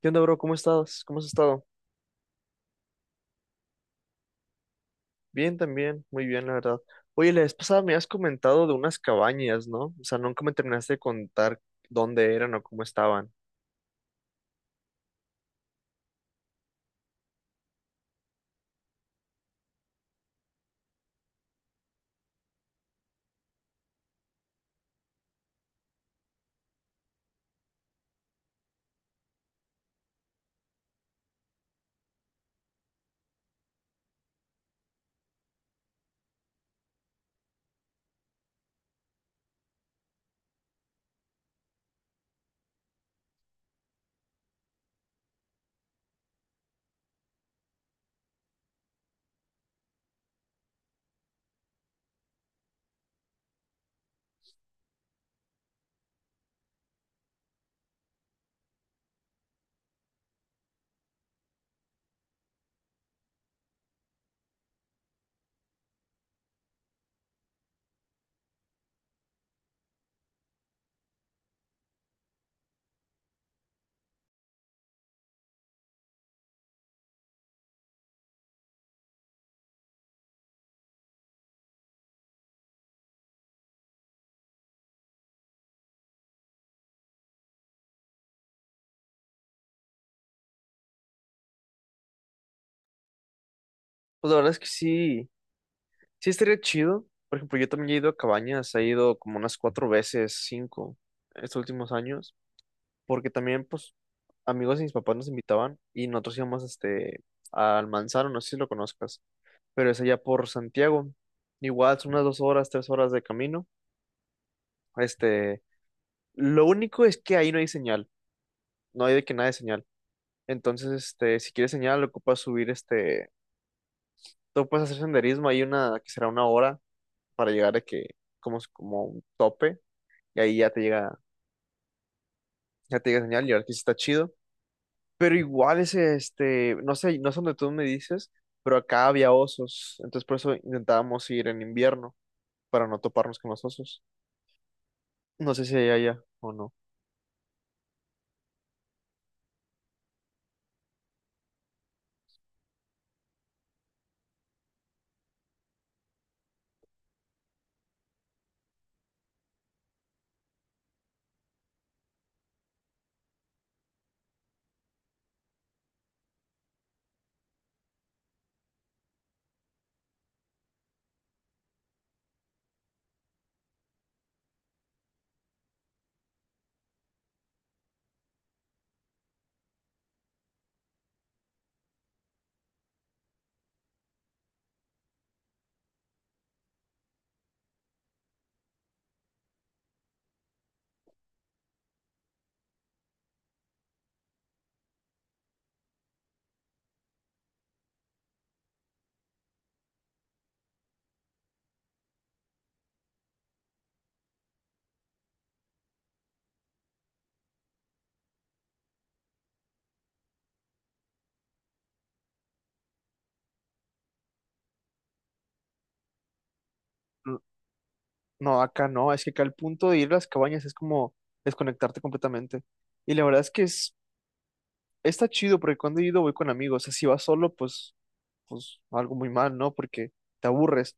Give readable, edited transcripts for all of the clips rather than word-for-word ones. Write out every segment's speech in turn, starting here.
¿Qué onda, bro? ¿Cómo estás? ¿Cómo has estado? Bien, también, muy bien, la verdad. Oye, la vez pasada me has comentado de unas cabañas, ¿no? O sea, nunca me terminaste de contar dónde eran o cómo estaban. Pues la verdad es que sí, sí estaría chido. Por ejemplo, yo también he ido a cabañas, he ido como unas cuatro veces, cinco, estos últimos años, porque también, pues, amigos de mis papás nos invitaban y nosotros íbamos, al Manzano, no sé si lo conozcas, pero es allá por Santiago. Igual son unas 2 horas, 3 horas de camino. Este Lo único es que ahí no hay señal, no hay de que nada de señal. Entonces, si quieres señal, ocupas subir, tú puedes hacer senderismo, hay una que será una hora para llegar de que, como, como un tope, y ahí ya te llega señal, y ahora que sí está chido. Pero igual ese, no sé, no sé dónde tú me dices, pero acá había osos, entonces por eso intentábamos ir en invierno, para no toparnos con los osos. No sé si hay allá o no. No, acá no, es que acá el punto de ir a las cabañas es como desconectarte completamente. Y la verdad es que está chido porque cuando he ido voy con amigos, o sea, si vas solo, pues, pues algo muy mal, ¿no? Porque te aburres.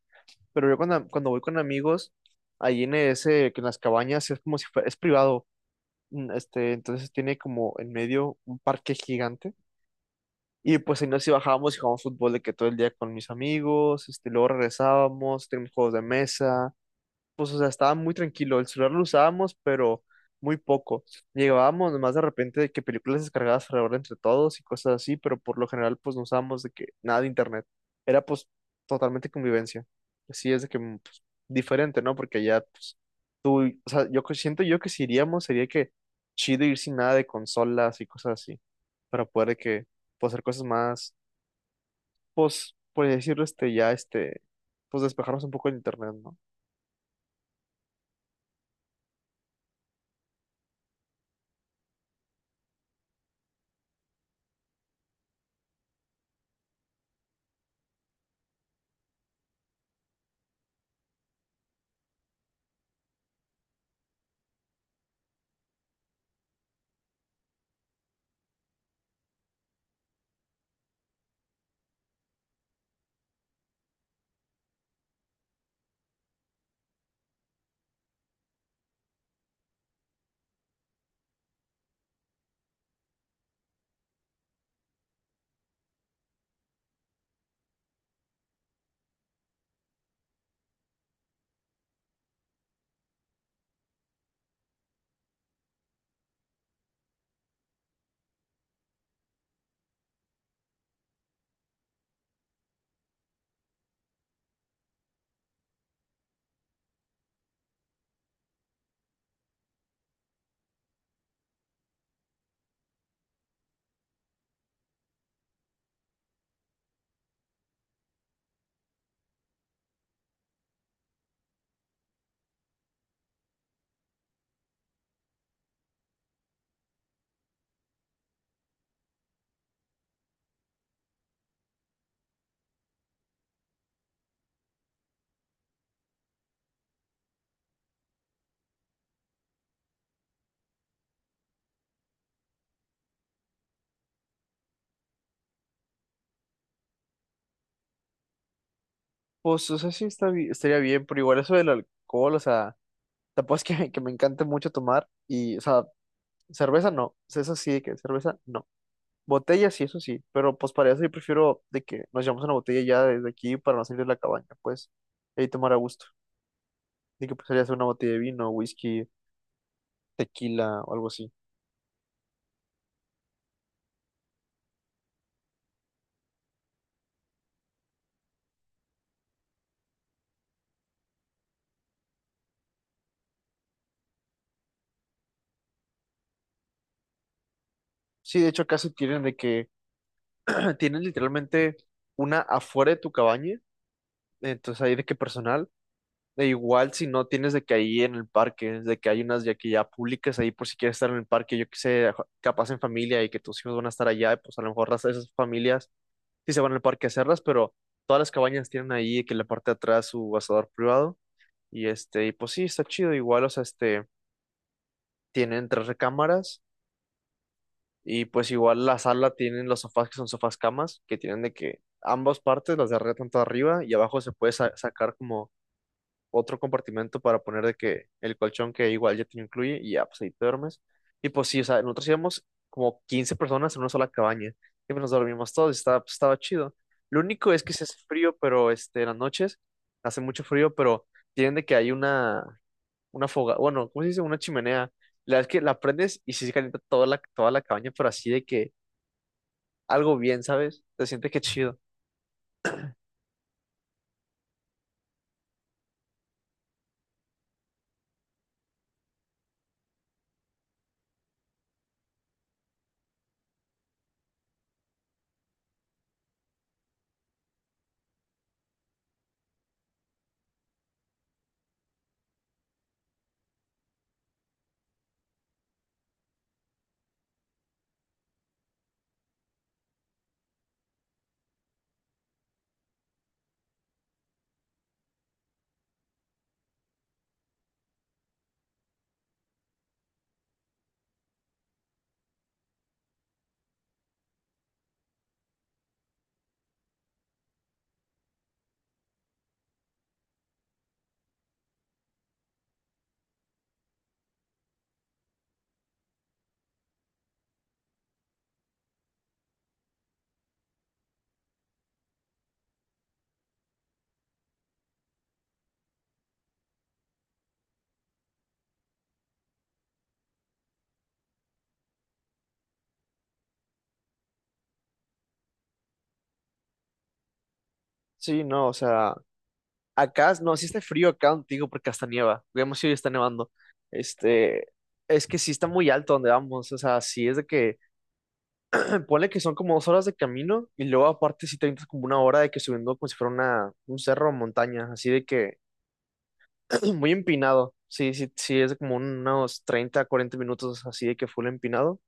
Pero yo cuando voy con amigos, ahí en ese, que en las cabañas es como si fuera, es privado, entonces tiene como en medio un parque gigante. Y pues ahí nos sí bajábamos y jugábamos fútbol de que todo el día con mis amigos, luego regresábamos, tenemos juegos de mesa pues, o sea, estaba muy tranquilo. El celular lo usábamos, pero muy poco. Llegábamos nomás de repente de que películas descargadas alrededor entre todos y cosas así, pero por lo general, pues, no usábamos de que nada de internet. Era, pues, totalmente convivencia. Así es de que, pues, diferente, ¿no? Porque ya, pues, tú, o sea, yo siento yo que si iríamos sería que chido ir sin nada de consolas y cosas así, para poder de que, pues, hacer cosas más, pues, por decirlo, ya, pues, despejarnos un poco del internet, ¿no? Pues, o sea, sí está, estaría bien, pero igual eso del alcohol, o sea, tampoco es que, que me encante mucho tomar y, o sea, cerveza no, o sea, eso sí, de que cerveza no. Botella sí, eso sí, pero pues para eso yo prefiero de que nos llevamos una botella ya desde aquí para no salir de la cabaña, pues, y tomar a gusto. De que pues sería hacer una botella de vino, whisky, tequila o algo así. Sí, de hecho acá sí tienen de que, tienen literalmente una afuera de tu cabaña, entonces ahí de que personal. E igual si no tienes de que ahí en el parque, de que hay unas ya que ya públicas ahí por si quieres estar en el parque, yo que sé, capaz en familia y que tus hijos van a estar allá, pues a lo mejor esas familias sí se van al parque a hacerlas, pero todas las cabañas tienen ahí que en la parte de atrás su asador privado y y pues sí, está chido, igual, o sea, tienen tres recámaras y pues igual la sala tienen los sofás que son sofás camas, que tienen de que ambas partes, las de arriba tanto arriba y abajo se puede sacar como otro compartimento para poner de que el colchón que igual ya te incluye y ya, pues ahí te duermes. Y pues sí, o sea, nosotros íbamos como 15 personas en una sola cabaña y pues nos dormimos todos y estaba, pues, estaba chido. Lo único es que se hace frío, pero en las noches hace mucho frío, pero tienen de que hay una foga, bueno, ¿cómo se dice? Una chimenea. La verdad es que la prendes y sí se calienta toda la cabaña, pero así de que algo bien, ¿sabes? Te sientes que chido. Sí, no, o sea, acá, no, sí está frío acá contigo porque hasta nieva. Vemos si hoy está nevando. Este, es que sí está muy alto donde vamos. O sea, sí es de que, ponle que son como 2 horas de camino y luego aparte sí te avientas como una hora de que subiendo como si fuera una, un cerro o montaña, así de que muy empinado. Sí, sí, sí, es de como unos 30, 40 minutos así de que full empinado.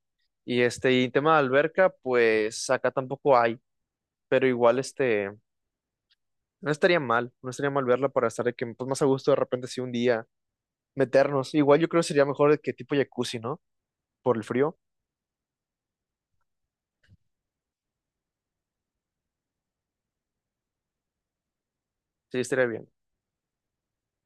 Y y tema de alberca, pues acá tampoco hay, pero igual no estaría mal, no estaría mal verla para estar de que pues, más a gusto de repente si un día meternos. Igual yo creo que sería mejor que tipo jacuzzi, ¿no? Por el frío. Sí, estaría bien.